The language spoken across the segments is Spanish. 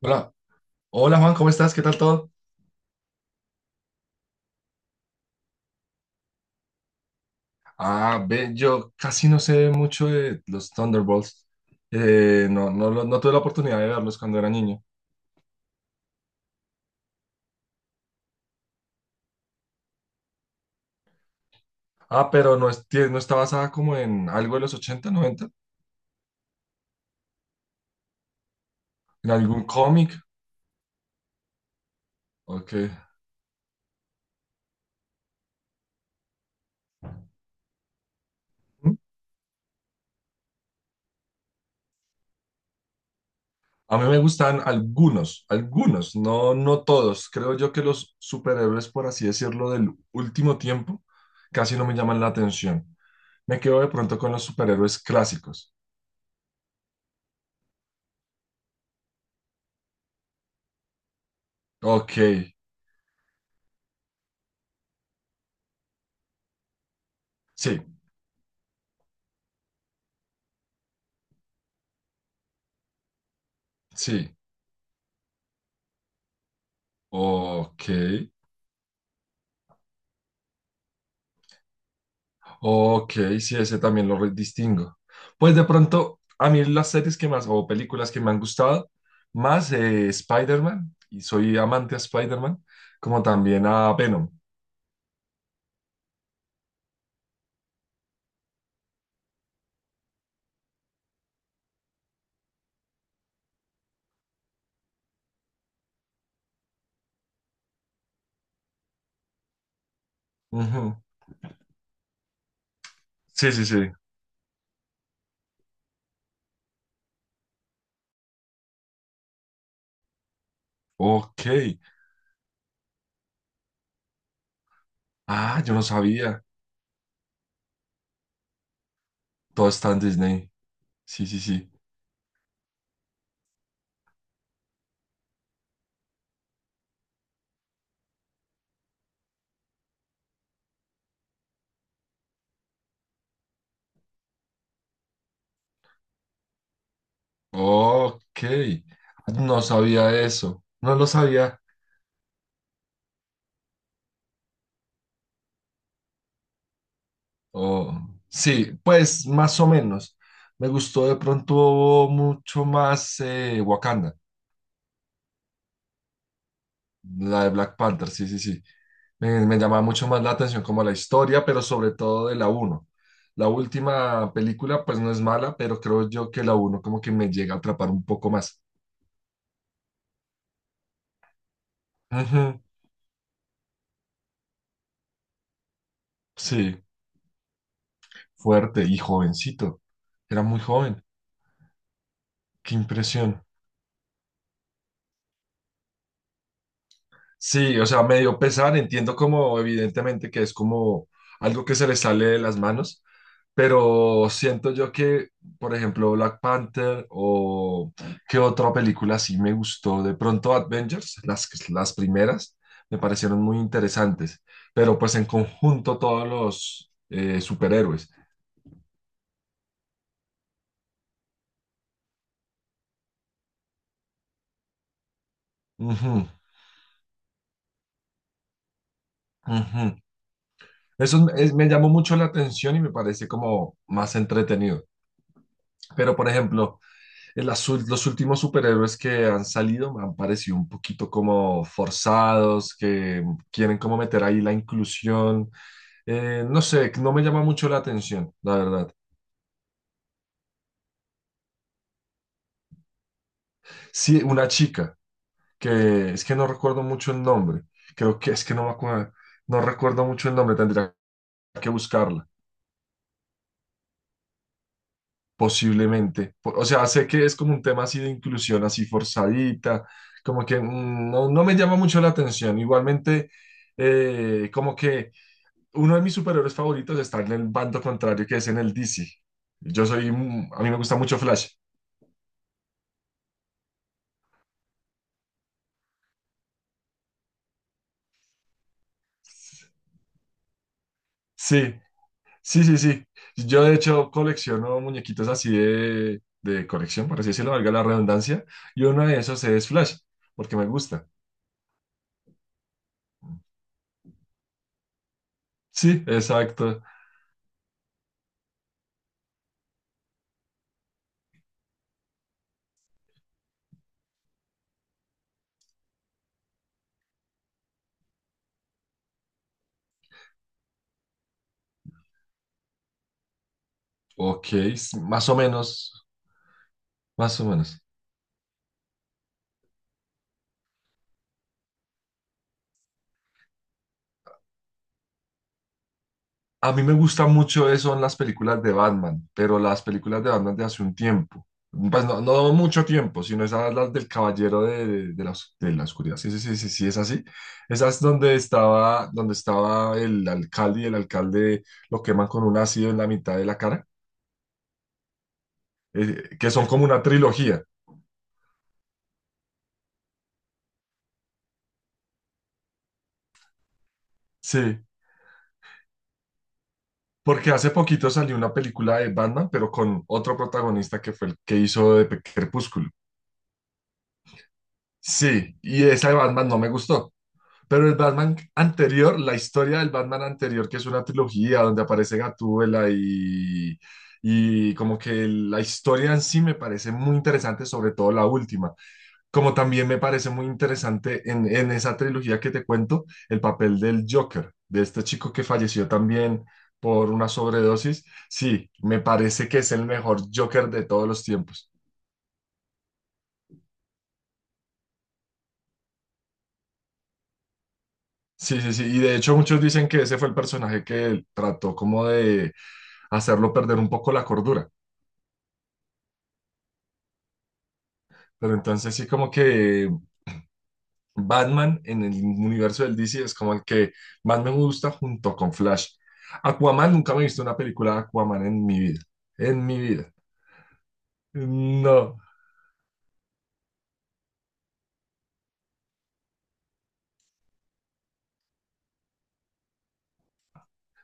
Hola, hola Juan, ¿cómo estás? ¿Qué tal todo? Ah, ve, yo casi no sé mucho de los Thunderbolts. No, no, no tuve la oportunidad de verlos cuando era niño. Ah, pero no, es, no está basada como en algo de los ochenta noventa, en algún cómic. Ok. Mm. A mí me gustan algunos, no, no todos. Creo yo que los superhéroes, por así decirlo, del último tiempo, casi no me llaman la atención. Me quedo de pronto con los superhéroes clásicos. Ok, sí. Sí, ok, ok, sí, ese también lo distingo. Pues de pronto, a mí las series que más, o películas que me han gustado, más Spider-Man, y soy amante a Spider-Man, como también a Venom. Ujú. Sí, sí, sí. Ok. Ah, yo no sabía. Todo está en Disney. Sí, sí, sí. Ok. No sabía eso. No lo sabía. Oh, sí, pues más o menos. Me gustó de pronto mucho más Wakanda, la de Black Panther, sí, sí, sí. Me llamaba mucho más la atención como la historia, pero sobre todo de la uno. La última película pues no es mala, pero creo yo que la uno como que me llega a atrapar un poco más. Ujú, sí, fuerte y jovencito. Era muy joven. Qué impresión. Sí, o sea, me dio pesar. Entiendo como evidentemente que es como algo que se le sale de las manos, pero siento yo que, por ejemplo, Black Panther o qué otra película sí me gustó. De pronto Avengers, las primeras, me parecieron muy interesantes. Pero pues en conjunto todos los superhéroes. Ujú, ujú. Me llamó mucho la atención y me parece como más entretenido. Pero, por ejemplo, las los últimos superhéroes que han salido me han parecido un poquito como forzados, que quieren como meter ahí la inclusión. No sé, no me llama mucho la atención, la verdad. Sí, una chica, que es que no recuerdo mucho el nombre. Creo que es que no me acuerdo, no recuerdo mucho el nombre, tendría que buscarla, posiblemente. O sea, sé que es como un tema así de inclusión, así forzadita, como que mm, no, no me llama mucho la atención. Igualmente, como que uno de mis superhéroes favoritos está en el bando contrario, que es en el DC. Yo soy, a mí me gusta mucho Flash. Sí, sí, sí, sí. Yo de hecho colecciono muñequitos así de colección, por así decirlo, valga la redundancia, y uno de esos es Flash, porque me gusta. Sí, exacto. Ok, s- más o menos, más o menos. A mí me gusta mucho eso en las películas de Batman, pero las películas de Batman de hace un tiempo. Pues no, no mucho tiempo, sino esas las del Caballero de, la, de la Oscuridad. Sí, sí, sí, sí, sí, es así. Esas donde estaba el alcalde y el alcalde lo queman con un ácido en la mitad de la cara, que son como una trilogía. Sí, porque hace poquito salió una película de Batman, pero con otro protagonista que fue el que hizo de Crepúsculo. Sí, y esa de Batman no me gustó. Pero el Batman anterior, la historia del Batman anterior, que es una trilogía donde aparece Gatúbela y como que la historia en sí me parece muy interesante, sobre todo la última. Como también me parece muy interesante en esa trilogía que te cuento, el papel del Joker, de este chico que falleció también por una sobredosis. Sí, me parece que es el mejor Joker de todos los tiempos. Sí, sí, sí. Y de hecho muchos dicen que ese fue el personaje que trató como de hacerlo perder un poco la cordura. Pero entonces sí como que Batman en el universo del DC es como el que más me gusta junto con Flash. Aquaman, nunca me he visto una película de Aquaman en mi vida. En mi vida. No.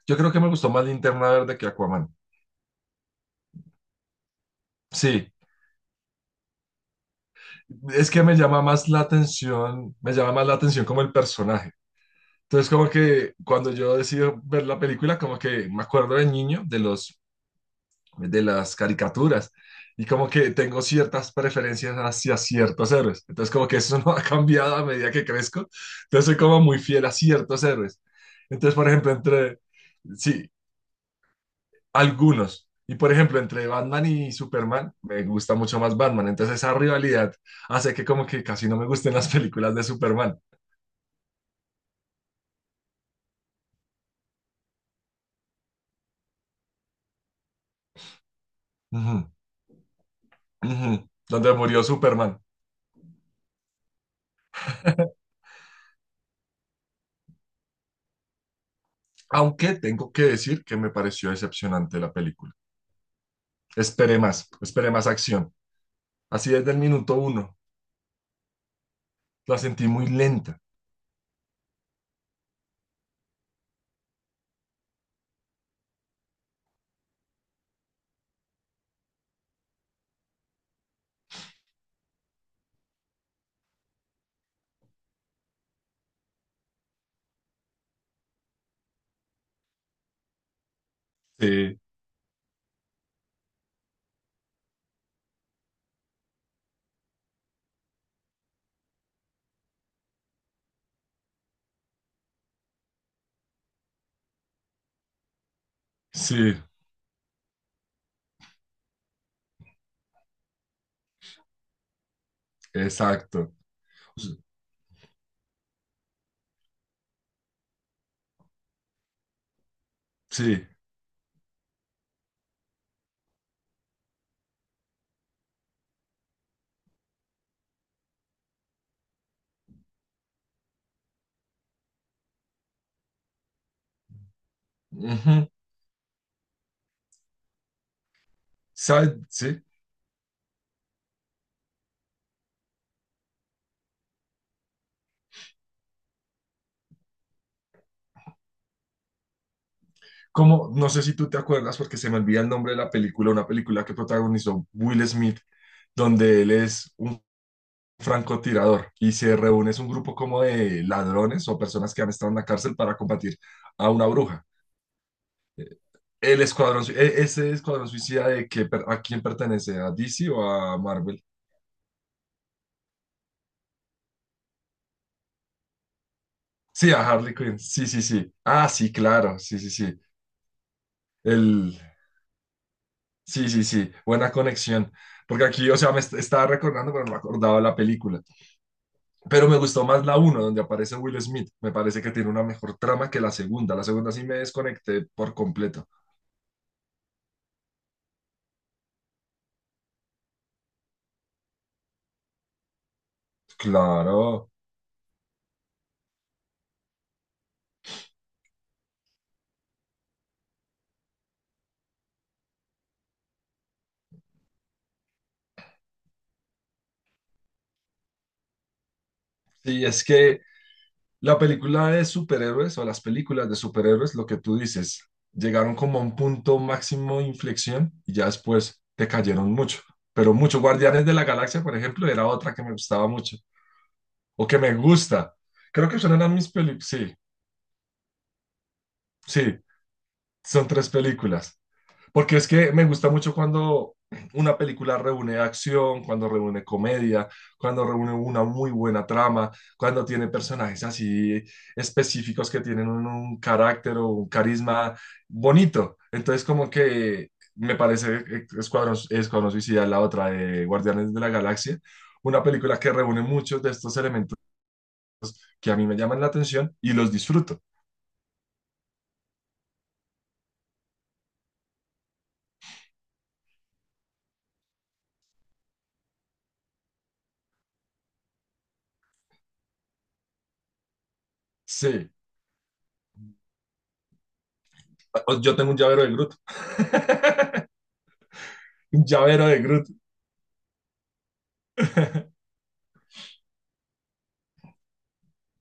Yo creo que me gustó más Linterna Verde que Aquaman. Sí. Es que me llama más la atención, me llama más la atención como el personaje. Entonces, como que cuando yo decido ver la película, como que me acuerdo de niño, de los de las caricaturas y como que tengo ciertas preferencias hacia ciertos héroes. Entonces como que eso no ha cambiado a medida que crezco. Entonces soy como muy fiel a ciertos héroes. Entonces, por ejemplo, entre, sí, algunos. Y por ejemplo, entre Batman y Superman, me gusta mucho más Batman. Entonces esa rivalidad hace que como que casi no me gusten las películas de Superman. Ujú, ujú, donde murió Superman. Aunque tengo que decir que me pareció decepcionante la película. Esperé más acción. Así desde el minuto uno. La sentí muy lenta. Sí, sí, exacto. Sí. Ujú. ¿Sabes? Sí. Como, no sé si tú te acuerdas, porque se me olvida el nombre de la película, una película que protagonizó Will Smith, donde él es un francotirador y se reúne, es un grupo como de ladrones o personas que han estado en la cárcel para combatir a una bruja. El escuadrón, ese escuadrón suicida de que, a quién pertenece, a DC o a Marvel. Sí, a Harley Quinn. Sí, sí, sí. Ah, sí, claro. Sí, sí, sí. El... Sí, sí, sí. Buena conexión. Porque aquí, o sea, me estaba recordando, pero no me acordaba la película. Pero me gustó más la uno, donde aparece Will Smith. Me parece que tiene una mejor trama que la segunda. La segunda sí me desconecté por completo. Claro. Sí, es que la película de superhéroes o las películas de superhéroes, lo que tú dices, llegaron como a un punto máximo de inflexión y ya después te cayeron mucho. Pero mucho. Guardianes de la Galaxia, por ejemplo, era otra que me gustaba mucho o que me gusta. Creo que son eran mis películas. Sí, sí, son tres películas. Porque es que me gusta mucho cuando una película reúne acción, cuando reúne comedia, cuando reúne una muy buena trama, cuando tiene personajes así específicos que tienen un carácter o un carisma bonito. Entonces, como que me parece Escuadrón Suicida, la otra de Guardianes de la Galaxia, una película que reúne muchos de estos elementos que a mí me llaman la atención y los disfruto. Sí, yo tengo un llavero de Groot. Un llavero de Groot.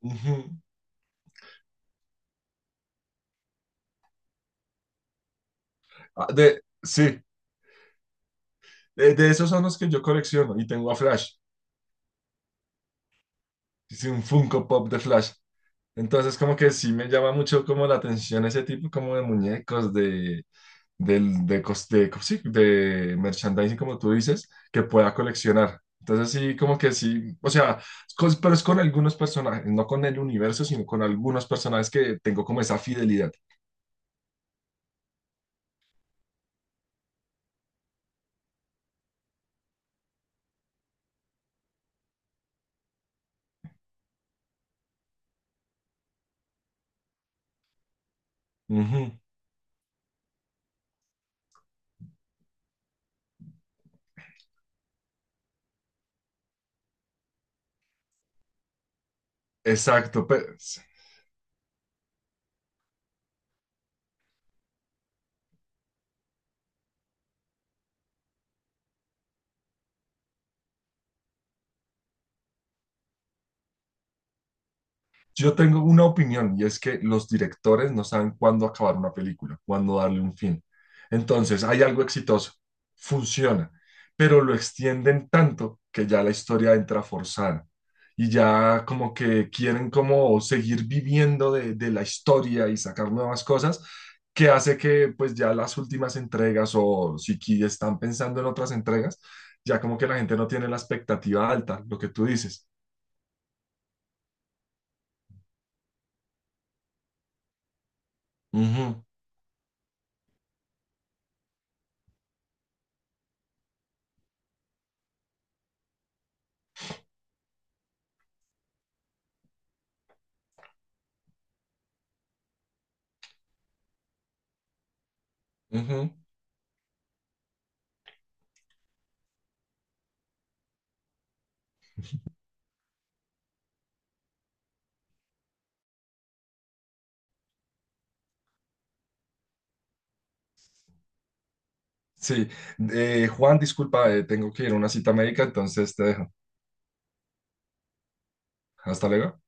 Ujú. Ah, de, sí, de esos son los que yo colecciono y tengo a Flash. Hice un Funko Pop de Flash. Entonces, como que sí me llama mucho como la atención ese tipo como de muñecos, de, del de, cos- sí, de merchandising, como tú dices, que pueda coleccionar. Entonces, sí, como que sí, o sea, pero es con algunos personajes, no con el universo, sino con algunos personajes que tengo como esa fidelidad. Ujú. Exacto, pues. Yo tengo una opinión y es que los directores no saben cuándo acabar una película, cuándo darle un fin. Entonces, hay algo exitoso, funciona, pero lo extienden tanto que ya la historia entra forzada y ya como que quieren como seguir viviendo de la historia y sacar nuevas cosas que hace que pues ya las últimas entregas o si están pensando en otras entregas, ya como que la gente no tiene la expectativa alta, lo que tú dices. Ujú, ujú. Sí, Juan, disculpa, tengo que ir a una cita médica, entonces te dejo. Hasta luego.